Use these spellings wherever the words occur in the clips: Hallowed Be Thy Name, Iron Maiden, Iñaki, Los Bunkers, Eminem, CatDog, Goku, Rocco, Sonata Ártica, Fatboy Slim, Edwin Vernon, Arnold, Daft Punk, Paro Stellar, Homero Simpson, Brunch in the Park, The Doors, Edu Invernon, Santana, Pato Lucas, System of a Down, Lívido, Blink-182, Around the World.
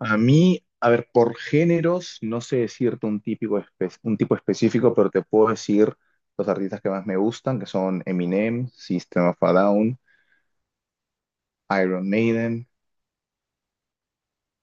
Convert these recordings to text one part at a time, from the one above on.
A mí, a ver, por géneros, no sé decirte un tipo específico, pero te puedo decir los artistas que más me gustan, que son Eminem, System of a Down, Iron Maiden,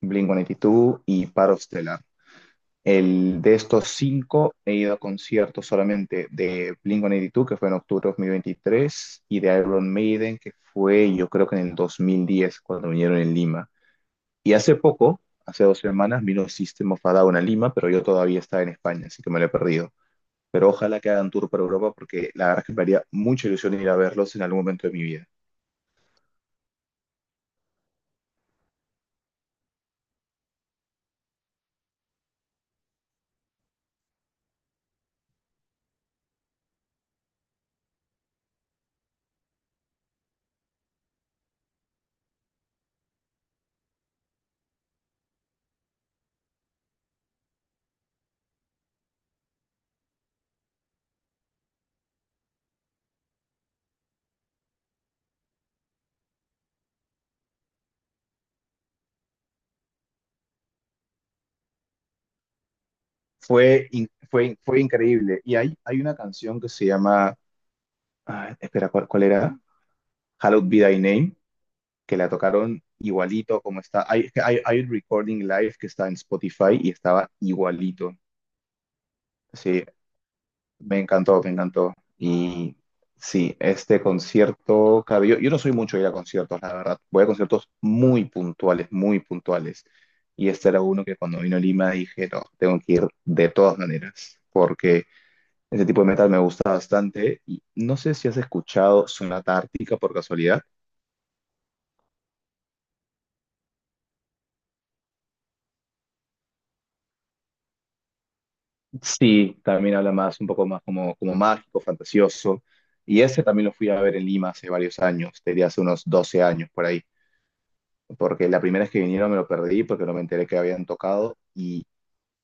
Blink-182 y dos y Paro Stellar. El, de estos cinco he ido a conciertos solamente de Blink-182, que fue en octubre de 2023, y de Iron Maiden, que fue yo creo que en el 2010 cuando vinieron en Lima. Y hace poco, hace 2 semanas, vino System of a Down a Lima, pero yo todavía estaba en España, así que me lo he perdido. Pero ojalá que hagan tour por Europa porque la verdad es que me haría mucha ilusión ir a verlos en algún momento de mi vida. Fue increíble. Y hay una canción que se llama, ah, espera, ¿cuál era? Hallowed Be Thy Name, que la tocaron igualito como está. Hay un recording live que está en Spotify y estaba igualito. Sí. Me encantó, me encantó. Y sí, este concierto, claro, yo no soy mucho de ir a conciertos, la verdad. Voy a conciertos muy puntuales, muy puntuales. Y este era uno que cuando vino a Lima dije, no, tengo que ir de todas maneras, porque ese tipo de metal me gusta bastante. Y no sé si has escuchado Sonata Ártica por casualidad. Sí, también habla más, un poco más como, como mágico, fantasioso. Y ese también lo fui a ver en Lima hace varios años, diría hace unos 12 años por ahí. Porque la primera vez que vinieron me lo perdí porque no me enteré que habían tocado y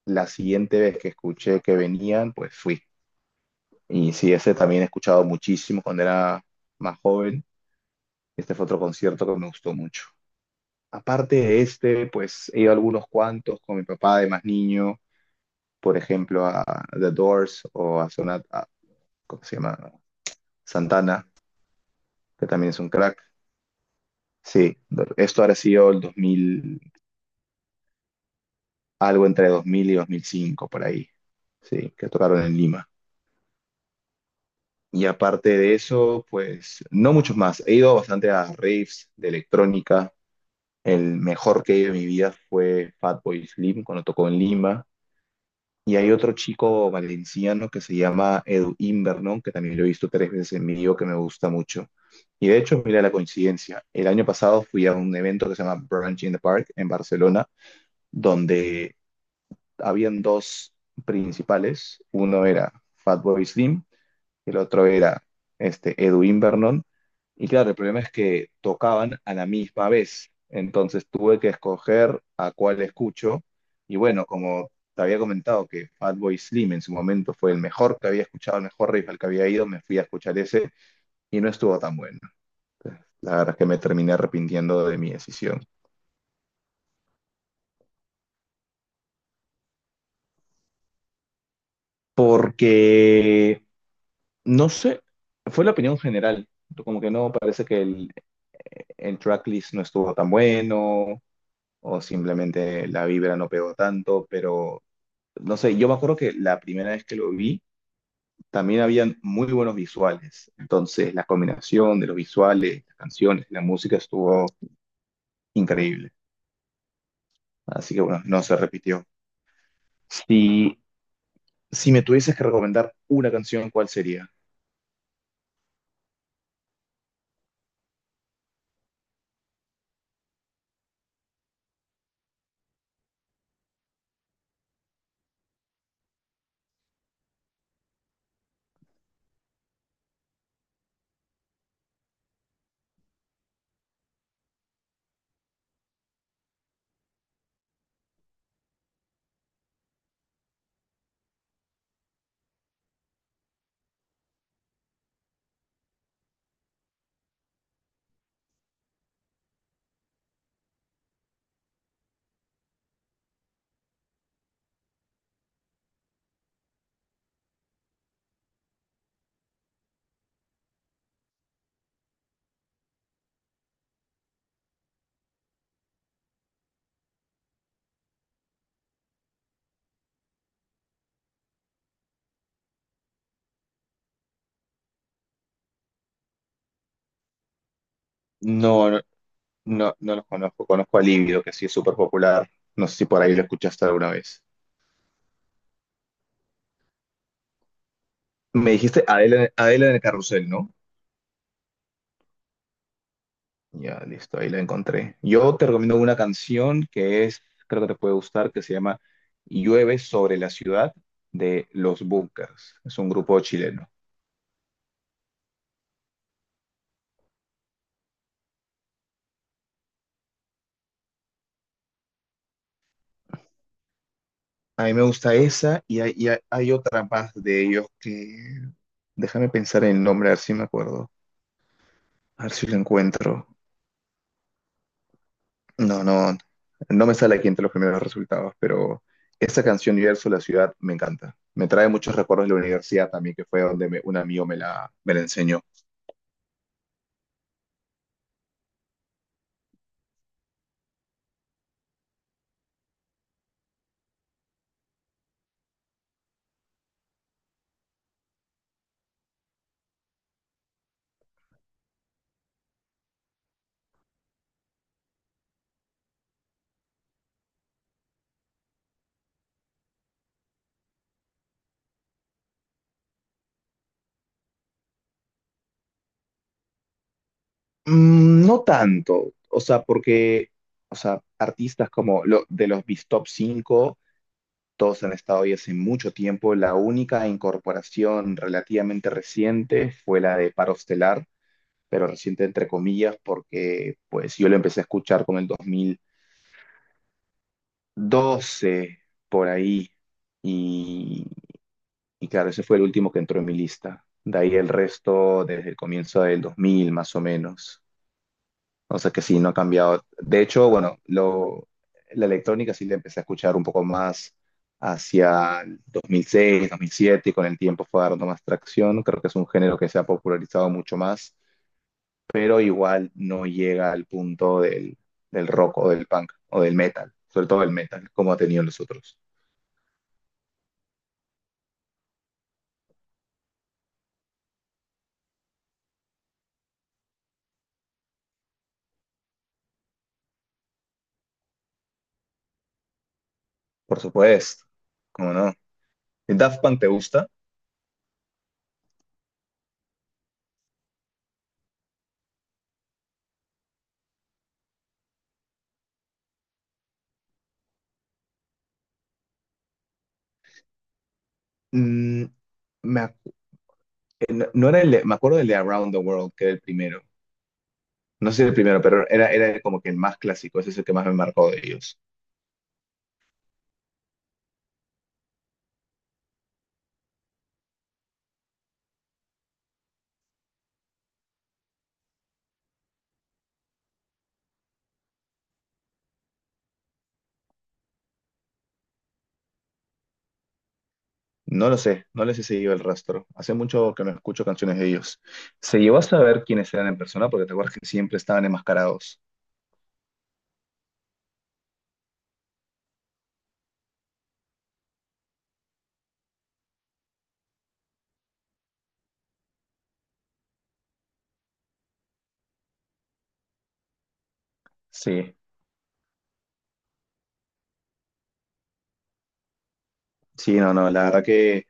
la siguiente vez que escuché que venían, pues fui. Y sí, ese también he escuchado muchísimo cuando era más joven. Este fue otro concierto que me gustó mucho. Aparte de este, pues he ido a algunos cuantos con mi papá de más niño, por ejemplo a The Doors o a Sonata, ¿cómo se llama? Santana, que también es un crack. Sí, esto ha sido el 2000, algo entre 2000 y 2005, por ahí, sí, que tocaron en Lima. Y aparte de eso, pues no muchos más. He ido bastante a raves de electrónica. El mejor que he ido en mi vida fue Fatboy Slim cuando tocó en Lima. Y hay otro chico valenciano que se llama Edu Invernon, que también lo he visto 3 veces en vivo, que me gusta mucho. Y de hecho, mira la coincidencia. El año pasado fui a un evento que se llama Brunch in the Park en Barcelona, donde habían dos principales. Uno era Fatboy Slim, el otro era este, Edwin Vernon. Y claro, el problema es que tocaban a la misma vez. Entonces tuve que escoger a cuál escucho. Y bueno, como te había comentado que Fatboy Slim en su momento fue el mejor que había escuchado, el mejor riff al que había ido, me fui a escuchar ese y no estuvo tan bueno. La verdad es que me terminé arrepintiendo de mi decisión. Porque no sé, fue la opinión general. Como que no parece que el tracklist no estuvo tan bueno o simplemente la vibra no pegó tanto, pero no sé, yo me acuerdo que la primera vez que lo vi también habían muy buenos visuales. Entonces la combinación de los visuales, las canciones, la música estuvo increíble. Así que bueno, no se repitió. Si, si me tuvieses que recomendar una canción, ¿cuál sería? No, no, no los conozco. Conozco a Lívido, que sí es súper popular. No sé si por ahí lo escuchaste alguna vez. Me dijiste Adela, Adela en el carrusel, ¿no? Ya, listo, ahí la encontré. Yo te recomiendo una canción que es, creo que te puede gustar, que se llama Llueve sobre la ciudad de Los Bunkers. Es un grupo chileno. A mí me gusta esa y hay otra más de ellos que... Déjame pensar en el nombre, a ver si me acuerdo. A ver si lo encuentro. No, no, no me sale aquí entre los primeros resultados, pero esa canción Universo, la ciudad, me encanta. Me trae muchos recuerdos de la universidad también, que fue donde un amigo me la enseñó. Mm, no tanto, o sea, porque, o sea, artistas como lo, de los bis Top 5 todos han estado ahí hace mucho tiempo. La única incorporación relativamente reciente fue la de Paro Estelar, pero reciente entre comillas, porque pues yo lo empecé a escuchar como el 12 por ahí. Y, y claro, ese fue el último que entró en mi lista. De ahí el resto desde el comienzo del 2000 más o menos. O sea que sí, no ha cambiado. De hecho, bueno, la electrónica sí la empecé a escuchar un poco más hacia el 2006, 2007 y con el tiempo fue dando más tracción. Creo que es un género que se ha popularizado mucho más, pero igual no llega al punto del rock o del punk o del metal, sobre todo el metal, como ha tenido los otros. Por supuesto, ¿cómo no? ¿Y Daft Punk te gusta? Mm, me, ac- no no era me acuerdo del de Around the World, que era el primero. No sé si el primero, pero era, era como que el más clásico, ese es el que más me marcó de ellos. No lo sé, no les he seguido el rastro. Hace mucho que no escucho canciones de ellos. ¿Se llevó a saber quiénes eran en persona? Porque te acuerdas que siempre estaban enmascarados. Sí. Sí, no, no, la verdad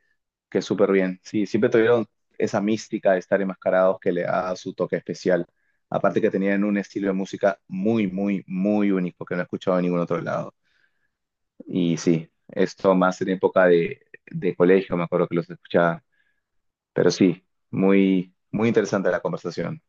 que súper bien. Sí, siempre tuvieron esa mística de estar enmascarados que le da su toque especial. Aparte que tenían un estilo de música muy, muy, muy único que no he escuchado en ningún otro lado. Y sí, esto más en época de colegio, me acuerdo que los escuchaba. Pero sí, muy, muy interesante la conversación.